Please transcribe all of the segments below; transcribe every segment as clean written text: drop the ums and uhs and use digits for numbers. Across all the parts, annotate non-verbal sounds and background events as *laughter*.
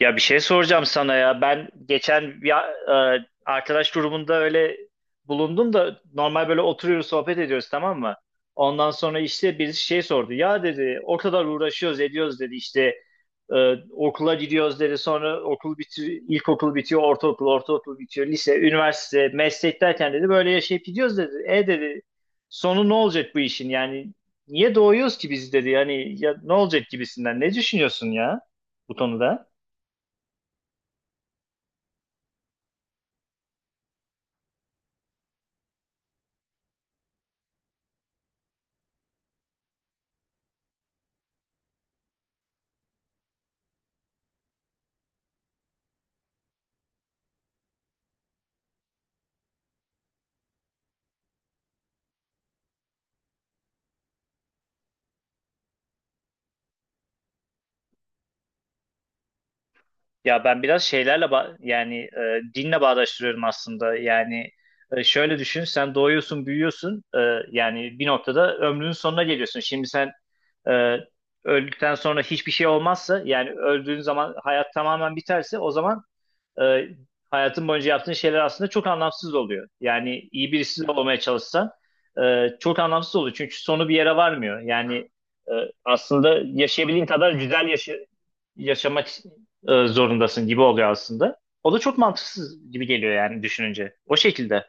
Ya bir şey soracağım sana ya. Ben geçen arkadaş grubunda öyle bulundum da normal böyle oturuyoruz sohbet ediyoruz, tamam mı? Ondan sonra işte birisi şey sordu. Ya dedi o kadar uğraşıyoruz ediyoruz dedi işte okula gidiyoruz dedi. Sonra okul bitiyor, ilkokul bitiyor, ortaokul, bitiyor, lise, üniversite, meslek derken dedi böyle yaşayıp gidiyoruz dedi. E dedi sonu ne olacak bu işin yani niye doğuyoruz ki biz dedi. Yani ya, ne olacak gibisinden ne düşünüyorsun ya bu konuda? Ya ben biraz şeylerle ba- yani e, dinle bağdaştırıyorum aslında. Yani şöyle düşün, sen doğuyorsun, büyüyorsun. Yani bir noktada ömrünün sonuna geliyorsun. Şimdi sen e, öldükten sonra hiçbir şey olmazsa, yani öldüğün zaman hayat tamamen biterse, o zaman e, hayatın boyunca yaptığın şeyler aslında çok anlamsız oluyor. Yani iyi birisi olmaya çalışsan çok anlamsız oluyor. Çünkü sonu bir yere varmıyor. Yani e, aslında yaşayabildiğin kadar güzel yaşa- yaşamak zorundasın gibi oluyor aslında. O da çok mantıksız gibi geliyor yani düşününce. O şekilde.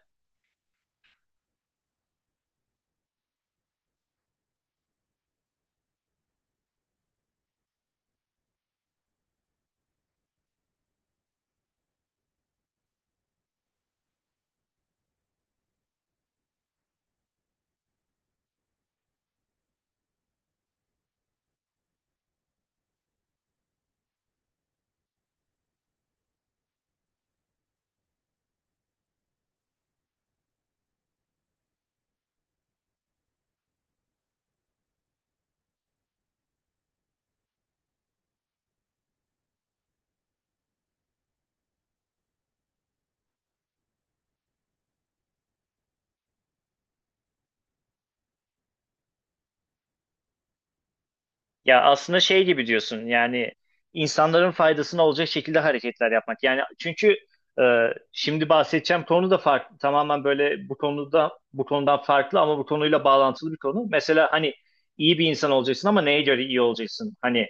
Ya aslında şey gibi diyorsun yani insanların faydasına olacak şekilde hareketler yapmak. Yani çünkü e, şimdi bahsedeceğim konu da farklı. Tamamen böyle bu konudan farklı ama bu konuyla bağlantılı bir konu. Mesela hani iyi bir insan olacaksın ama neye göre iyi olacaksın? Hani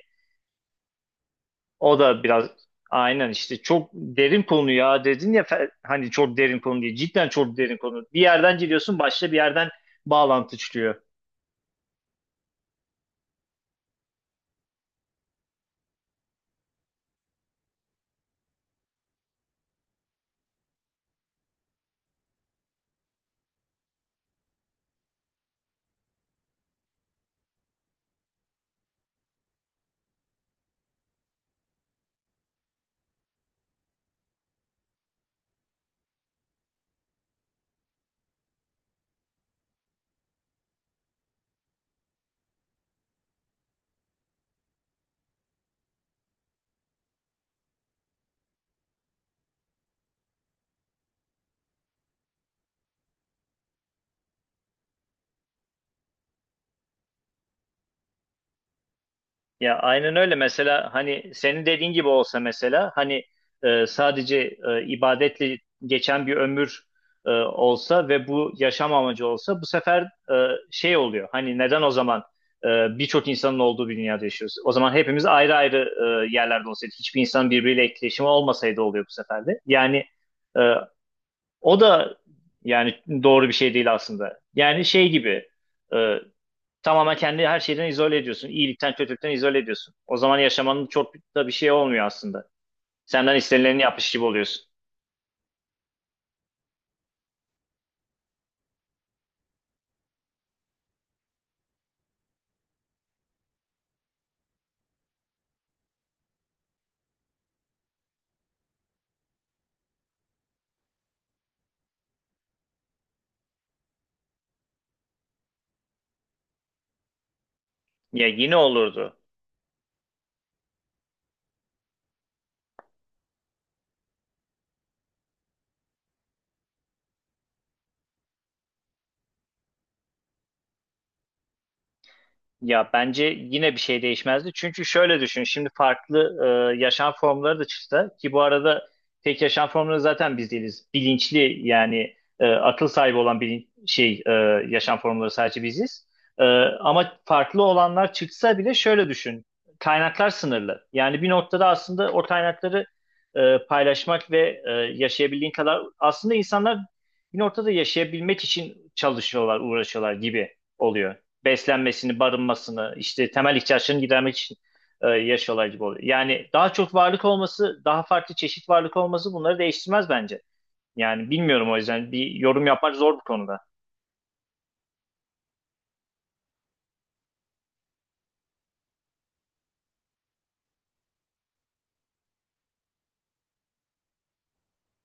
o da biraz aynen işte çok derin konu ya dedin ya hani çok derin konu diye. Cidden çok derin konu. Bir yerden giriyorsun başka bir yerden bağlantı çıkıyor. Ya aynen öyle mesela hani senin dediğin gibi olsa mesela hani sadece ibadetle geçen bir ömür olsa ve bu yaşam amacı olsa bu sefer e, şey oluyor hani neden o zaman e, birçok insanın olduğu bir dünyada yaşıyoruz? O zaman hepimiz ayrı ayrı yerlerde olsaydık hiçbir insan birbiriyle etkileşimi olmasaydı oluyor bu sefer de. Yani e, o da yani doğru bir şey değil aslında. Yani şey gibi. e, Tamamen kendi her şeyden izole ediyorsun. İyilikten, kötülükten izole ediyorsun. O zaman yaşamanın çok da bir şey olmuyor aslında. Senden istenileni yapmış gibi oluyorsun. Ya yine olurdu. Ya bence yine bir şey değişmezdi. Çünkü şöyle düşün. Şimdi farklı yaşam formları da çıksa, ki bu arada tek yaşam formları zaten biz değiliz. Bilinçli yani akıl sahibi olan bir şey yaşam formları sadece biziz. E, Ama farklı olanlar çıksa bile şöyle düşün. Kaynaklar sınırlı. Yani bir noktada aslında o kaynakları paylaşmak ve yaşayabildiğin kadar aslında insanlar bir noktada yaşayabilmek için çalışıyorlar, uğraşıyorlar gibi oluyor, beslenmesini, barınmasını, işte temel ihtiyaçlarını gidermek için yaşıyorlar gibi oluyor. Yani daha çok varlık olması, daha farklı çeşit varlık olması bunları değiştirmez bence. Yani bilmiyorum, o yüzden bir yorum yapmak zor bu konuda.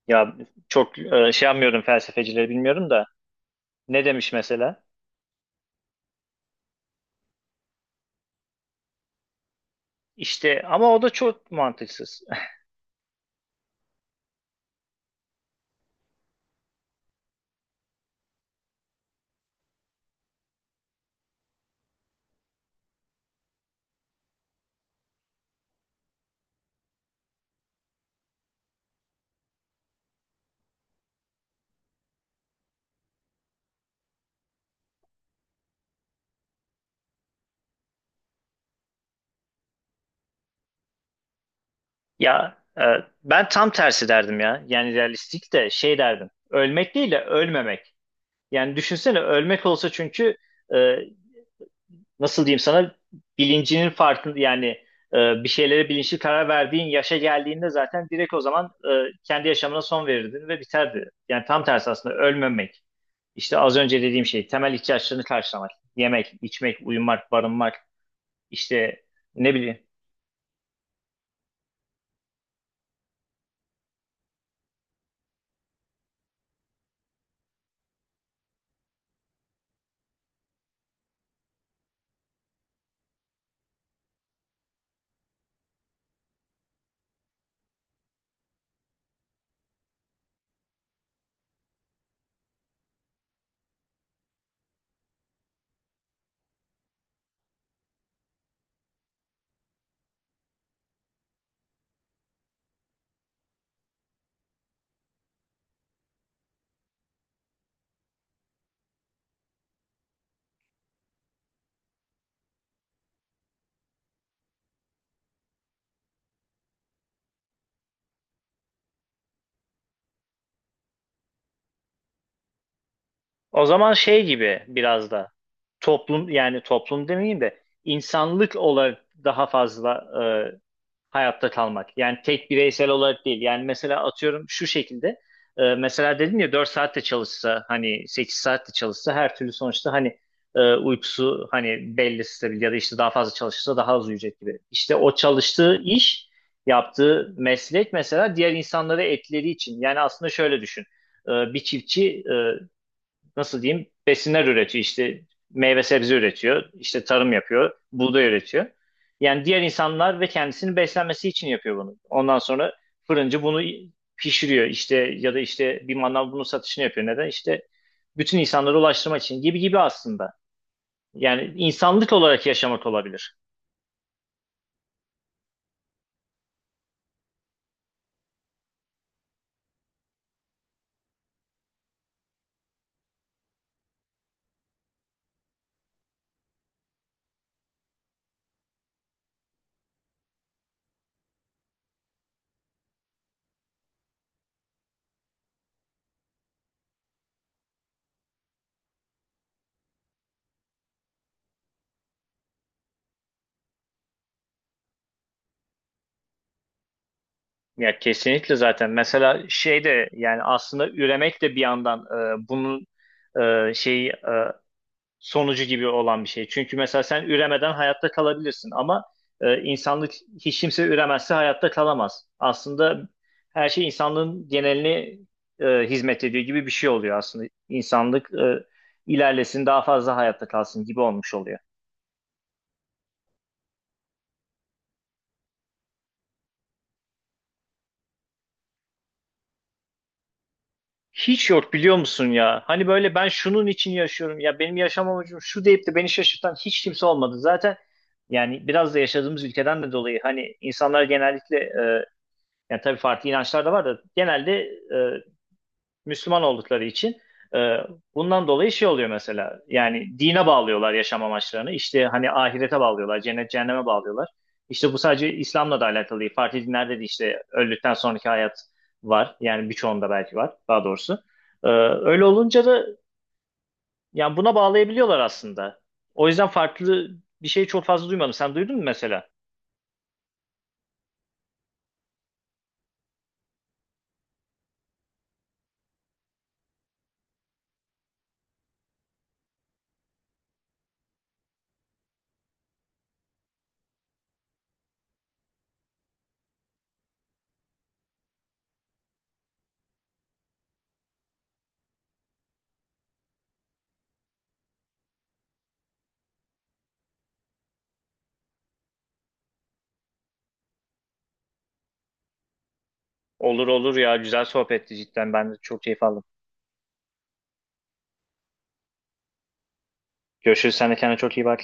Ya çok şey yapmıyorum, felsefecileri bilmiyorum da ne demiş mesela? İşte ama o da çok mantıksız. *laughs* Ya ben tam tersi derdim ya. Yani realistik de şey derdim. Ölmek değil de ölmemek. Yani düşünsene ölmek olsa çünkü e, nasıl diyeyim sana, bilincinin farkında yani bir şeylere bilinçli karar verdiğin yaşa geldiğinde zaten direkt o zaman kendi yaşamına son verirdin ve biterdi. Yani tam tersi aslında ölmemek. İşte az önce dediğim şey temel ihtiyaçlarını karşılamak. Yemek, içmek, uyumak, barınmak, işte ne bileyim. O zaman şey gibi biraz da toplum, yani toplum demeyeyim de insanlık olarak daha fazla e, hayatta kalmak. Yani tek bireysel olarak değil. Yani mesela atıyorum şu şekilde. Mesela dedim ya 4 saatte çalışsa hani 8 saatte çalışsa her türlü sonuçta hani uykusu hani belli stabil ya da işte daha fazla çalışırsa daha az uyuyacak gibi. İşte o çalıştığı iş, yaptığı meslek mesela diğer insanlara etkileri için. Yani aslında şöyle düşün. Bir çiftçi nasıl diyeyim besinler üretiyor, işte meyve sebze üretiyor, işte tarım yapıyor, buğday üretiyor. Yani diğer insanlar ve kendisini beslenmesi için yapıyor bunu. Ondan sonra fırıncı bunu pişiriyor işte, ya da işte bir manav bunun satışını yapıyor. Neden? İşte bütün insanlara ulaştırmak için gibi gibi aslında. Yani insanlık olarak yaşamak olabilir. Ya kesinlikle zaten. Mesela şey de yani aslında üremek de bir yandan bunun e, şeyi e, sonucu gibi olan bir şey. Çünkü mesela sen üremeden hayatta kalabilirsin ama insanlık, hiç kimse üremezse hayatta kalamaz. Aslında her şey insanlığın genelini hizmet ediyor gibi bir şey oluyor aslında. İnsanlık ilerlesin, daha fazla hayatta kalsın gibi olmuş oluyor. Hiç yok biliyor musun ya? Hani böyle ben şunun için yaşıyorum ya benim yaşam amacım şu deyip de beni şaşırtan hiç kimse olmadı. Zaten yani biraz da yaşadığımız ülkeden de dolayı hani insanlar genellikle yani tabii farklı inançlar da var da genelde e, Müslüman oldukları için e, bundan dolayı şey oluyor mesela. Yani dine bağlıyorlar yaşam amaçlarını. İşte hani ahirete bağlıyorlar, cennet cehenneme bağlıyorlar. İşte bu sadece İslam'la da alakalı değil. Farklı dinlerde de işte öldükten sonraki hayat var. Yani birçoğunda belki var daha doğrusu. E, Öyle olunca da yani buna bağlayabiliyorlar aslında. O yüzden farklı bir şey çok fazla duymadım. Sen duydun mu mesela? Olur olur ya, güzel sohbetti cidden. Ben de çok keyif aldım. Görüşürüz. Sen de kendine çok iyi bak.